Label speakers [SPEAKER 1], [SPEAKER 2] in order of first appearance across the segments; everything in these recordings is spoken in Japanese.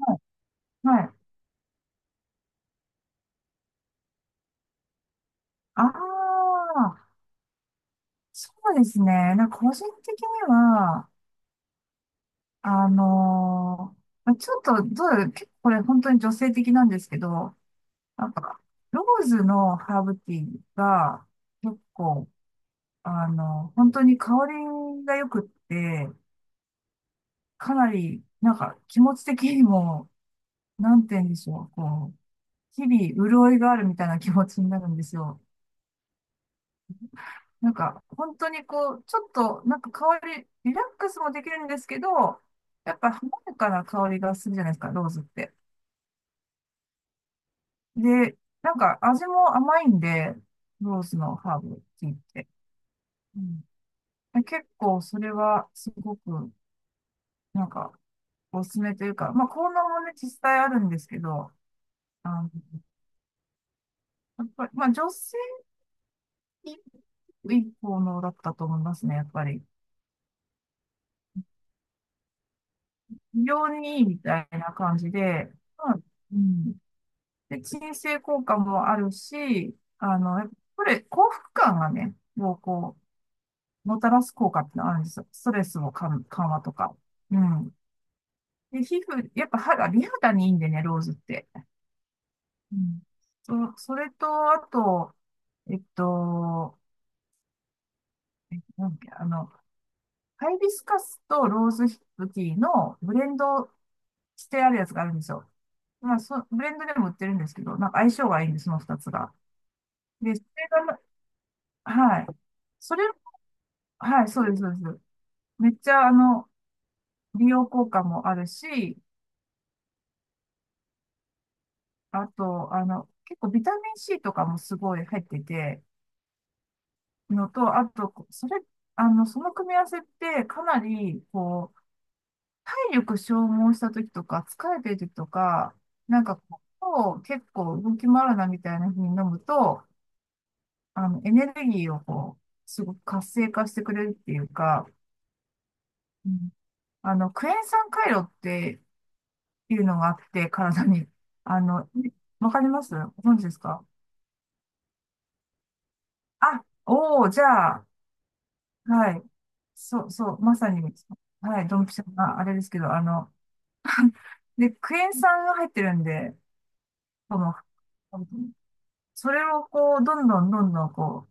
[SPEAKER 1] はい。はい。ああ、そうですね。なんか個人的には、まあちょっと、どう、結構これ本当に女性的なんですけど、なんか、ローズのハーブティーが結構、あの、本当に香りが良くって、かなり、なんか気持ち的にも、なんて言うんでしょう、こう、日々潤いがあるみたいな気持ちになるんですよ。なんか、本当にこう、ちょっと、なんか香り、リラックスもできるんですけど、やっぱ華やかな香りがするじゃないですか、ローズって。で、なんか味も甘いんで、ローズのハーブティーって。うん、で結構それはすごく、なんか、おすすめというか、まあ、効能もね、実際あるんですけど、あの、やっぱり、まあ、女性にいい効能だったと思いますね、やっぱり。非常にいいみたいな感じで、まあ、うん、で、鎮静効果もあるし、あの、やっぱこれ、幸福感がね、もうこう、もたらす効果ってのがあるんですよ。ストレスも緩緩和とか。うん。で、皮膚、やっぱ肌、美肌にいいんでね、ローズって。うん。そ、それと、あと、えっと、なんだっけ、あの、ハイビスカスとローズヒップティーのブレンドしてあるやつがあるんですよ。まあ、そ、ブレンドでも売ってるんですけど、なんか相性がいいんです、その二つが。で、それが、はい。それ、はい、そうです、そうです。めっちゃ、あの、美容効果もあるし、あと、あの、結構ビタミン C とかもすごい入ってて、のと、あと、それ、あの、その組み合わせってかなり、こう、体力消耗した時とか、疲れてる時とか、なんかこう、結構動き回るなみたいな風に飲むと、あの、エネルギーをこう、すごく活性化してくれるっていうか、うん、あの、クエン酸回路ってていうのがあって、体に。あの、わかりますご存知ですか？あ、おお、じゃあ、はい。そう、そう、まさに、はい、ドンピシャな、あれですけど、あの、で、クエン酸が入ってるんで、この、それをこう、どんどんどんどんこ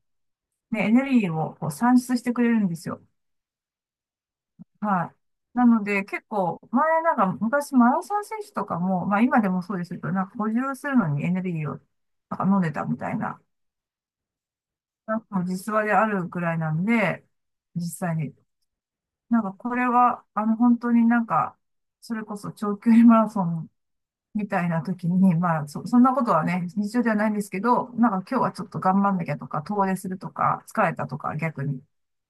[SPEAKER 1] う、ね、エネルギーをこう産出してくれるんですよ。はい。なので、結構、前なんか、昔マラソン選手とかも、まあ今でもそうですけど、なんか補充するのにエネルギーをなんか飲んでたみたいな、なんか実話であるくらいなんで、実際に。なんかこれは、あの、本当になんか、それこそ長距離マラソンみたいな時に、まあ、そ、そんなことはね、日常ではないんですけど、なんか今日はちょっと頑張んなきゃとか、遠出するとか、疲れたとか、逆に、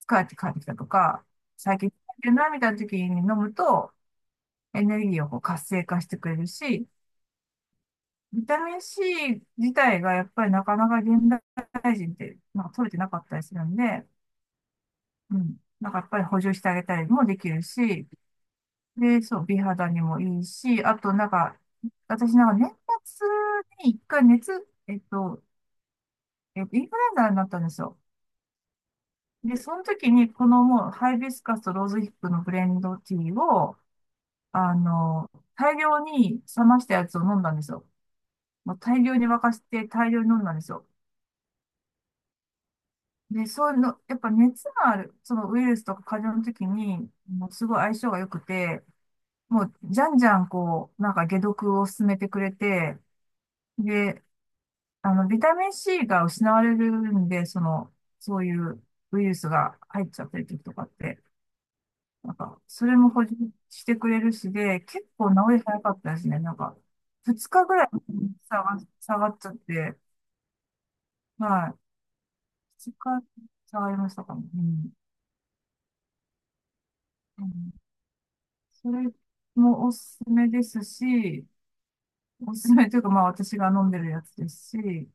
[SPEAKER 1] 疲れて帰ってきたとか、最近疲れてるな、みたいな時に飲むと、エネルギーをこう活性化してくれるし、ビタミン C 自体がやっぱりなかなか現代人って、まあ、取れてなかったりするんで、うん。なんかやっぱり補充してあげたりもできるし、で、そう、美肌にもいいし、あとなんか、私なんか年末に一回熱、えっと、インフルエンザになったんですよ。で、その時にこのもうハイビスカスとローズヒップのブレンドティーを、あの、大量に冷ましたやつを飲んだんですよ。もう大量に沸かして大量に飲んだんですよ。で、そういうの、やっぱ熱がある、そのウイルスとか風邪の時に、もうすごい相性が良くて、もう、じゃんじゃん、こう、なんか解毒を進めてくれて、で、あの、ビタミン C が失われるんで、その、そういうウイルスが入っちゃってる時とかって、なんか、それも補充してくれるしで、結構治り早かったですね。なんか、2日ぐらい下がっちゃって、はい。2日下がりましたかね。うん。うん、それもおすすめですし、おすすめというか、まあ私が飲んでるやつですし、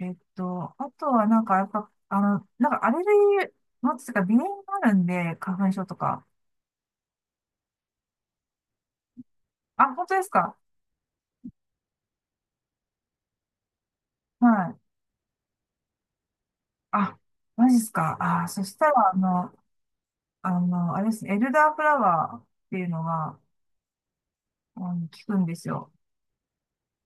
[SPEAKER 1] あとはなんか、やっぱ、あの、なんかアレルギー持つとか、鼻炎があるんで、花粉症とか。あ、本当ですか？はい。あ、マジですか？あ、そしたら、あの、あの、あれですね、エルダーフラワーっていうのが、あの、効くんですよ。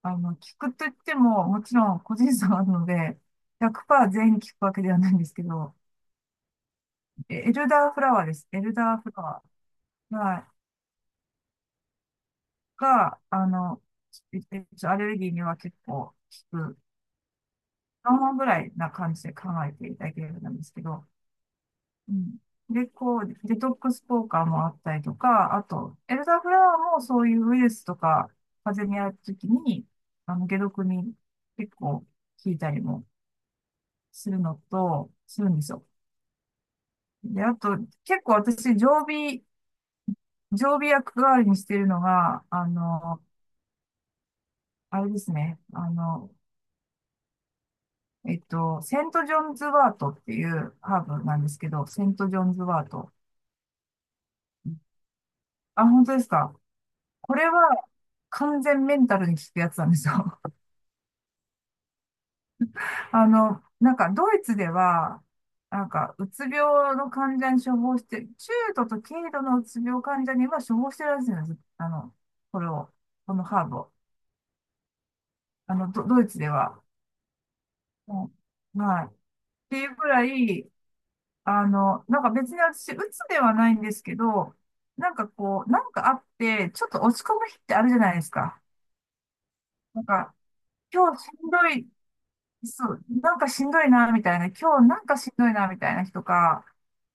[SPEAKER 1] あの、効くといっても、もちろん個人差があるので、100%全員効くわけではないんですけど、エルダーフラワーです。エルダーフラワー。はい。が、あの、えっアレルギーには結構効く。3話ぐらいな感じで考えていただけるんですけど、うん、で、こう、デトックスポーカーもあったりとか、あと、エルダーフラワーもそういうウイルスとか、風邪にあるときに、あの、解毒に結構効いたりもするのと、するんですよ。で、あと、結構私、常備、常備薬代わりにしてるのが、あの、あれですね、あの、セント・ジョンズ・ワートっていうハーブなんですけど、セント・ジョンズ・ワート。あ、本当ですか？これは完全メンタルに効くやつなんですよ。あの、なんかドイツでは、なんかうつ病の患者に処方して、中度と軽度のうつ病患者には処方してるらしいんです。あの、これを、このハーブを。あの、ド、ドイツでは。うん。はい。っていうくらい、あの、なんか別に私、うつではないんですけど、なんかこう、なんかあって、ちょっと落ち込む日ってあるじゃないですか。なんか、今日しんどい、そう、なんかしんどいな、みたいな。今日なんかしんどいな、みたいな日とか、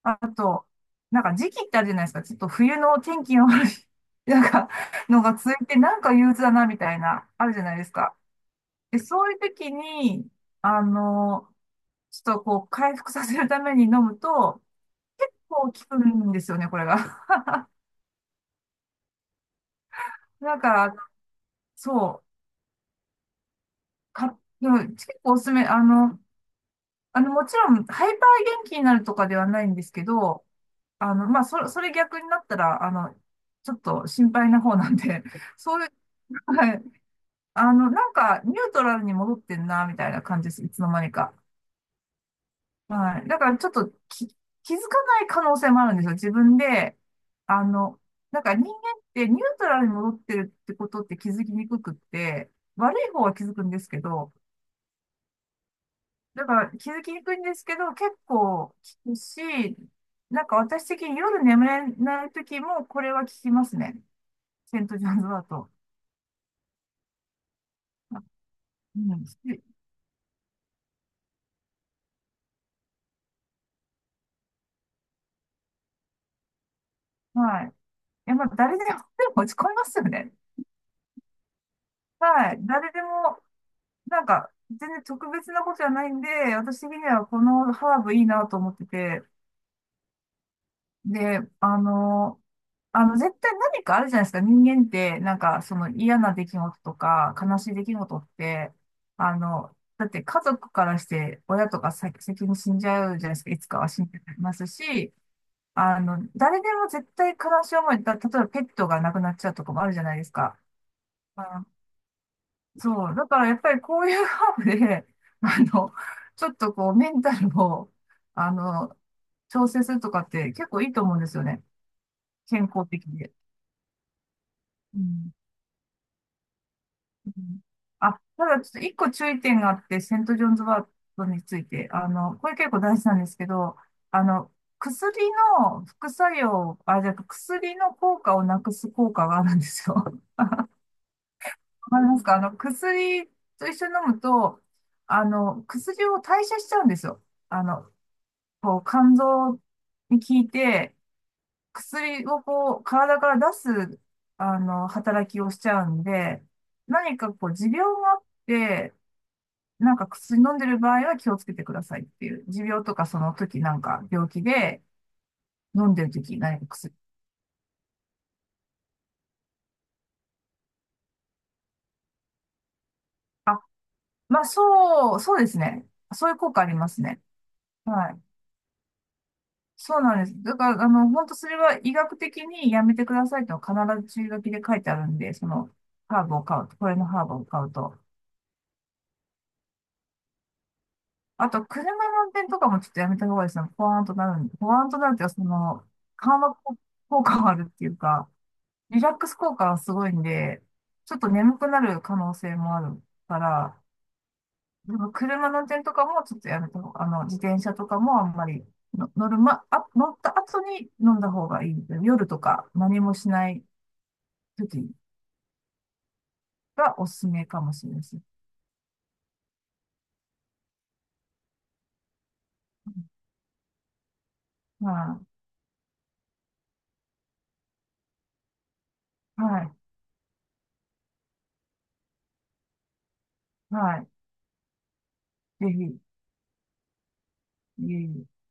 [SPEAKER 1] あと、なんか時期ってあるじゃないですか。ちょっと冬の天気の悪い、なんか、のが続いて、なんか憂鬱だな、みたいな、あるじゃないですか。で、そういう時に、あの、ちょっとこう、回復させるために飲むと、結構効くんですよね、これが。なんかそう、か、でも結構おすすめ、あの、あの、もちろん、ハイパー元気になるとかではないんですけど、あの、まあ、それ、それ逆になったら、あの、ちょっと心配な方なんで、そういう、はい。あの、なんか、ニュートラルに戻ってんな、みたいな感じです。いつの間にか。はい。だから、ちょっとき、気づかない可能性もあるんですよ。自分で。あの、なんか人間ってニュートラルに戻ってるってことって気づきにくくって、悪い方は気づくんですけど、だから気づきにくいんですけど、結構聞くし、なんか私的に夜眠れない時もこれは聞きますね。セントジョーンズだと。うん、し、はい。いや、まあ、誰でも、でも落ち込みますよね。はい。誰でも、なんか、全然特別なことじゃないんで、私的にはこのハーブいいなと思ってて、で、あの、あの、絶対何かあるじゃないですか。人間って、なんか、その嫌な出来事とか、悲しい出来事って、あの、だって家族からして、親とか先に死んじゃうじゃないですか。いつかは死んじゃいますし、あの、誰でも絶対悲しい思い、だ、例えばペットが亡くなっちゃうとかもあるじゃないですか。あ、そう。だからやっぱりこういうハーブで、あの、ちょっとこうメンタルを、あの、調整するとかって結構いいと思うんですよね。健康的で。うん。うん、あ、ただちょっと一個注意点があって、セントジョンズワートについて、あの、これ結構大事なんですけど、あの、薬の副作用、あ、じゃあ薬の効果をなくす効果があるんですよ。わかりますか？あの、薬と一緒に飲むと、あの、薬を代謝しちゃうんですよ。あの、こう、肝臓に効いて、薬をこう、体から出す、あの、働きをしちゃうんで、何かこう、持病があって、なんか薬飲んでる場合は気をつけてくださいっていう。持病とかその時なんか病気で飲んでる時何か薬。あ、まあそう、そうですね。そういう効果ありますね。はい。そうなんです。だから、あの、本当それは医学的にやめてくださいと必ず注意書きで書いてあるんで、その、ハーブを買うと、これのハーブを買うと。あと、車の運転とかもちょっとやめた方がいいですね。ポワーンとなるんで、ポワーンとなるっていうか、その、緩和効果があるっていうか、リラックス効果はすごいんで、ちょっと眠くなる可能性もあるから、でも車の運転とかもちょっとやめた方が、あの、自転車とかもあんまりの乗る、ま、あ、乗った後に飲んだ方がいい。夜とか何もしない時がおすすめかもしれないです。はい。はい。はい。ぜひ、いえいえ